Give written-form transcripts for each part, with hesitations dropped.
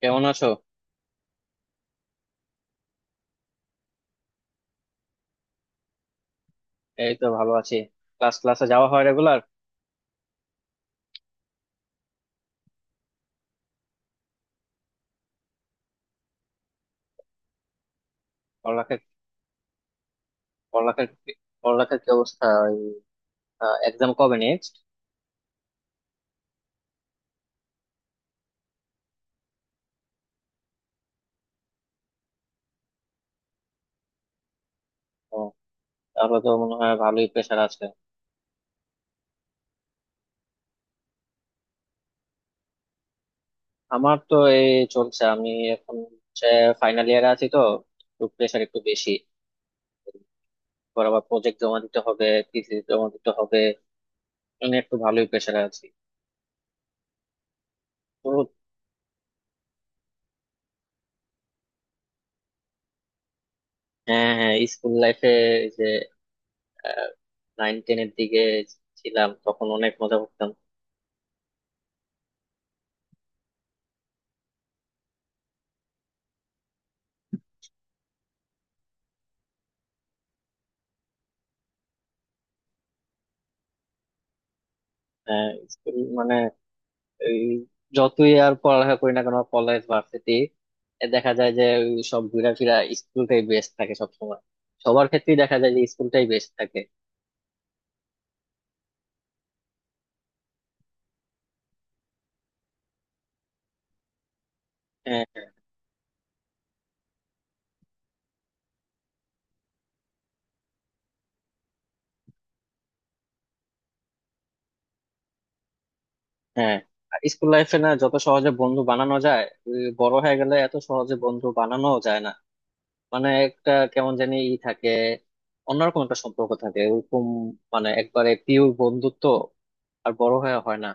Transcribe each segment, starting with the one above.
কেমন আছো? এই তো ভালো আছি। ক্লাসে যাওয়া হয় রেগুলার? পড়ালেখার পড়ালেখার কি- পড়ালেখার কি অবস্থা? এক্সাম কবে নেক্সট? ও। তাহলে তো মনে হয় ভালোই প্রেশার আছে। আমার তো এই চলছে। আমি এখন ফাইনাল ইয়ারে আছি তো একটু প্রেশার একটু বেশি। পর আবার প্রজেক্ট জমা দিতে হবে, থিসিস জমা দিতে হবে, মানে একটু ভালোই প্রেশারে আছি। তো হ্যাঁ, হ্যাঁ, স্কুল লাইফে যে নাইন টেনের দিকে ছিলাম, তখন অনেক মজা করতাম। হ্যাঁ, স্কুল মানে এই, যতই আর পড়ালেখা করি না কেন কলেজ, ভার্সিটি, দেখা যায় যে ওই সব ঘুরা ফিরা, স্কুলটাই বেস্ট থাকে সব সময়। সবার ক্ষেত্রেই দেখা যায় যে স্কুলটাই বেস্ট থাকে। হ্যাঁ, হ্যাঁ, স্কুল লাইফে না যত সহজে বন্ধু বানানো যায়, ওই বড় হয়ে গেলে এত সহজে বন্ধু বানানো যায় না। মানে একটা কেমন জানি ই থাকে, অন্যরকম একটা সম্পর্ক থাকে ওরকম, মানে একবারে পিওর বন্ধুত্ব, আর বড় হয়ে হয় না।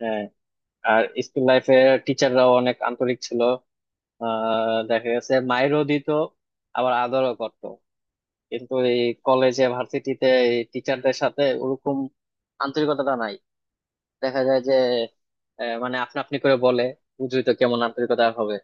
হ্যাঁ। আর স্কুল লাইফে টিচাররাও অনেক আন্তরিক ছিল। দেখা গেছে মাইরও দিত, আবার আদরও করত। কিন্তু এই কলেজে, ভার্সিটিতে এই টিচারদের সাথে ওরকম আন্তরিকতাটা নাই। দেখা যায় যে মানে আপনা আপনি করে বলে, বুঝলি তো, কেমন আন্তরিকতা আর হবে।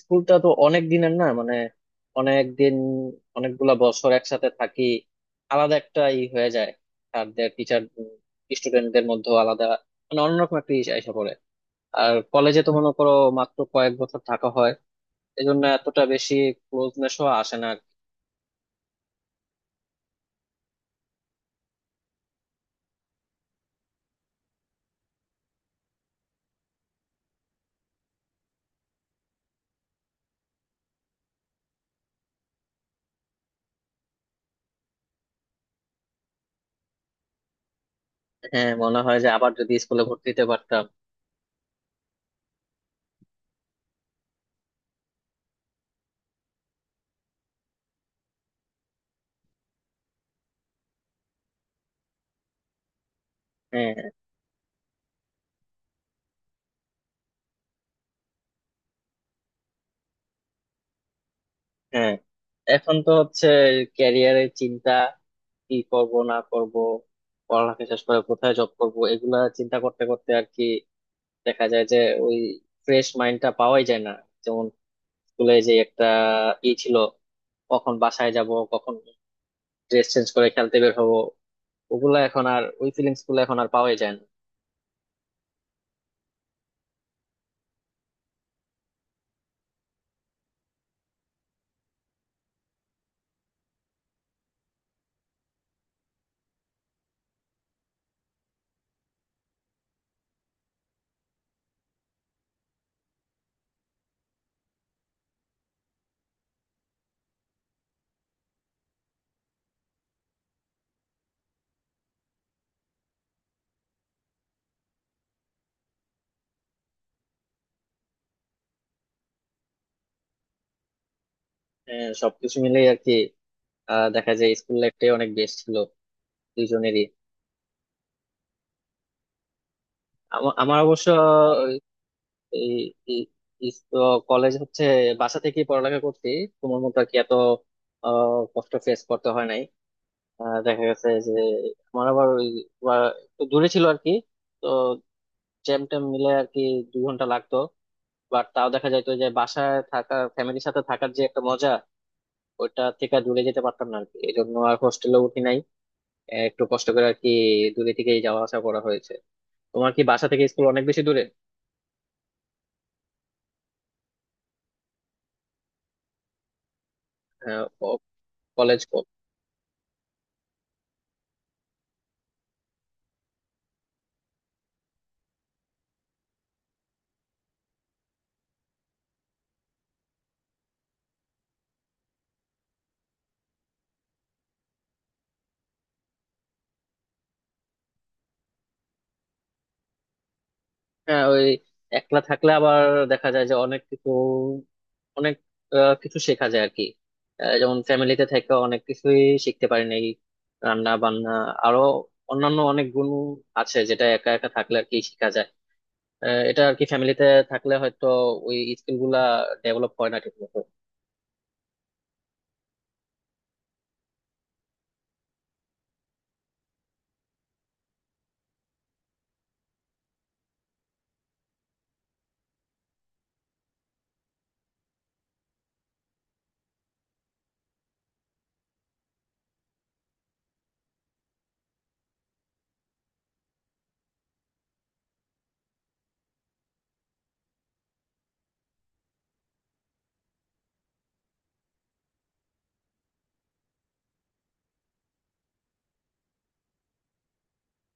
স্কুলটা তো অনেক দিনের না, মানে অনেক দিন, অনেকগুলা বছর একসাথে থাকি, আলাদা একটা ই হয়ে যায়, স্যারদের, টিচার স্টুডেন্টদের মধ্যে আলাদা, মানে অন্যরকম একটা ইস এসে পড়ে। আর কলেজে তো মনে করো মাত্র কয়েক বছর থাকা হয়, এই জন্য এতটা বেশি ক্লোজনেস আসে না আর কি। হ্যাঁ, মনে হয় যে আবার যদি স্কুলে ভর্তি হতে পারতাম। হ্যাঁ, হ্যাঁ, এখন তো হচ্ছে ক্যারিয়ারের চিন্তা, কি করব না করব, পড়ালেখা শেষ করে কোথায় জব করব, এগুলা চিন্তা করতে করতে আর কি। দেখা যায় যে ওই ফ্রেশ মাইন্ডটা পাওয়াই যায় না। যেমন স্কুলে যে একটা ই ছিল, কখন বাসায় যাব, কখন ড্রেস চেঞ্জ করে খেলতে বের হবো, ওগুলা এখন আর, ওই ফিলিংস গুলো এখন আর পাওয়াই যায় না। হ্যাঁ, সবকিছু মিলেই আর কি। দেখা যায় স্কুল লাইফটাই অনেক বেস্ট ছিল দুইজনেরই। আমার অবশ্য কলেজ হচ্ছে বাসা থেকেই পড়ালেখা করছি, তোমার মতো আর কি এত কষ্ট ফেস করতে হয় নাই। দেখা গেছে যে আমার আবার ওই, বা একটু দূরে ছিল আর কি, তো জ্যাম ট্যাম মিলে আর কি 2 ঘন্টা লাগতো। বাট তাও দেখা যায় তো যে বাসায় থাকা, ফ্যামিলির সাথে থাকার যে একটা মজা, ওইটা থেকে দূরে যেতে পারতাম না আর কি, এই জন্য আর হোস্টেলে উঠি নাই। একটু কষ্ট করে আর কি দূরে থেকেই যাওয়া আসা করা হয়েছে। তোমার কি বাসা থেকে স্কুল অনেক বেশি দূরে? হ্যাঁ, কলেজ। হ্যাঁ, ওই একলা থাকলে আবার দেখা যায় যে অনেক কিছু, অনেক কিছু শেখা যায় আর কি। যেমন ফ্যামিলিতে থেকে অনেক কিছুই শিখতে পারি নাই, রান্না বান্না, আরো অন্যান্য অনেক গুণ আছে যেটা একা একা থাকলে আর কি শেখা যায়। এটা আর কি, ফ্যামিলিতে থাকলে হয়তো ওই স্কিল গুলা ডেভেলপ হয় না ঠিক মতো।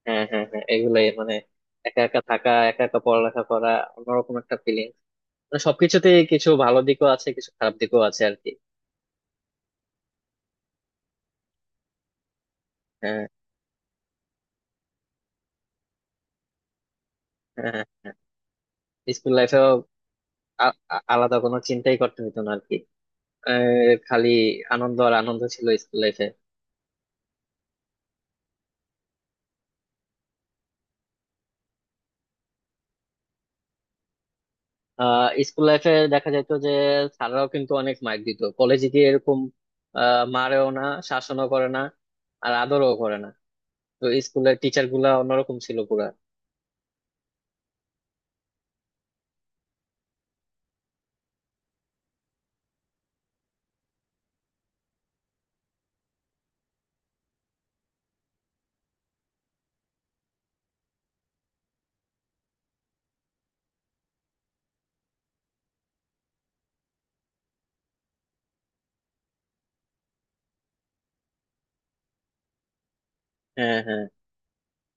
হ্যাঁ, হ্যাঁ, হ্যাঁ, এগুলাই মানে একা একা থাকা, একা একা পড়ালেখা করা, অন্যরকম একটা ফিলিং। মানে সবকিছুতে কিছু ভালো দিকও আছে, কিছু খারাপ দিকও আছে আর কি। হ্যাঁ, হ্যাঁ, হ্যাঁ, স্কুল লাইফেও আলাদা কোনো চিন্তাই করতে হতো না আর কি। খালি আনন্দ আর আনন্দ ছিল স্কুল লাইফে। স্কুল লাইফে দেখা যেত যে স্যাররাও কিন্তু অনেক মাইর দিত, কলেজে গিয়ে এরকম মারেও না, শাসনও করে না, আর আদরও করে না। তো স্কুলের টিচার গুলা অন্যরকম ছিল পুরা। হ্যাঁ, হ্যাঁ,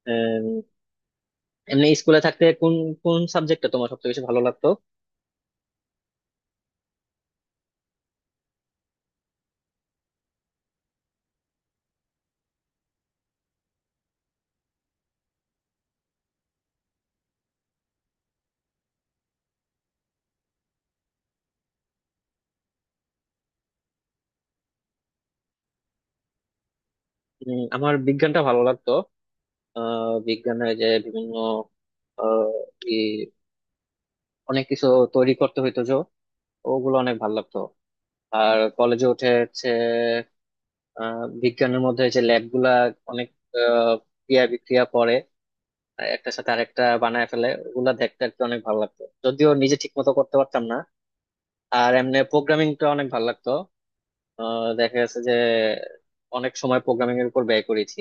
উম, এমনি স্কুলে থাকতে কোন কোন সাবজেক্টটা তোমার সবচেয়ে বেশি ভালো লাগতো? আমার বিজ্ঞানটা ভালো লাগতো। বিজ্ঞানের যে বিভিন্ন আহ ই অনেক কিছু তৈরি করতে হইতো যে, ওগুলো অনেক ভালো লাগতো। আর কলেজে উঠে হচ্ছে বিজ্ঞানের মধ্যে যে ল্যাব গুলা অনেক, আহ, ক্রিয়া বিক্রিয়া পরে একটার সাথে আরেকটা বানায় ফেলে, ওগুলা দেখতে আর কি অনেক ভালো লাগতো, যদিও নিজে ঠিক মতো করতে পারতাম না। আর এমনি প্রোগ্রামিংটা অনেক ভালো লাগতো। দেখা গেছে যে অনেক সময় প্রোগ্রামিং এর উপর ব্যয় করেছি।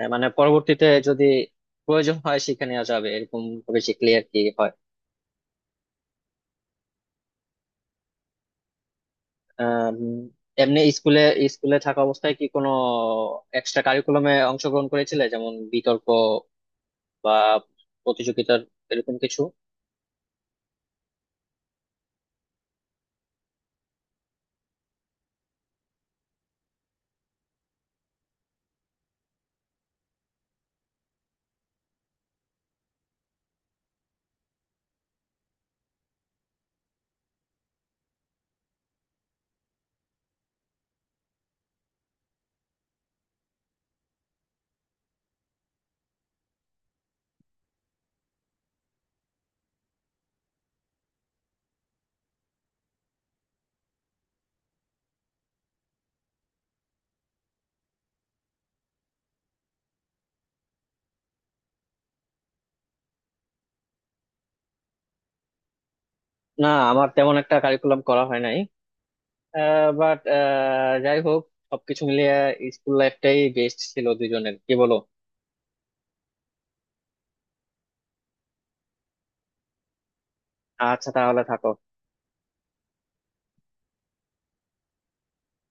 মানে পরবর্তীতে যদি প্রয়োজন হয় শিখে নেওয়া যাবে, এরকম ভাবে শিখলে আর কি হয়। আম, এমনি স্কুলে স্কুলে থাকা অবস্থায় কি কোনো এক্সট্রা কারিকুলামে অংশগ্রহণ করেছিলে, যেমন বিতর্ক, বা প্রতিযোগিতার এরকম কিছু? না, আমার তেমন একটা কারিকুলাম করা হয় নাই। বাট যাই হোক, সবকিছু মিলিয়ে স্কুল লাইফটাই বেস্ট ছিল দুজনের, কি বলো? আচ্ছা, তাহলে থাকো।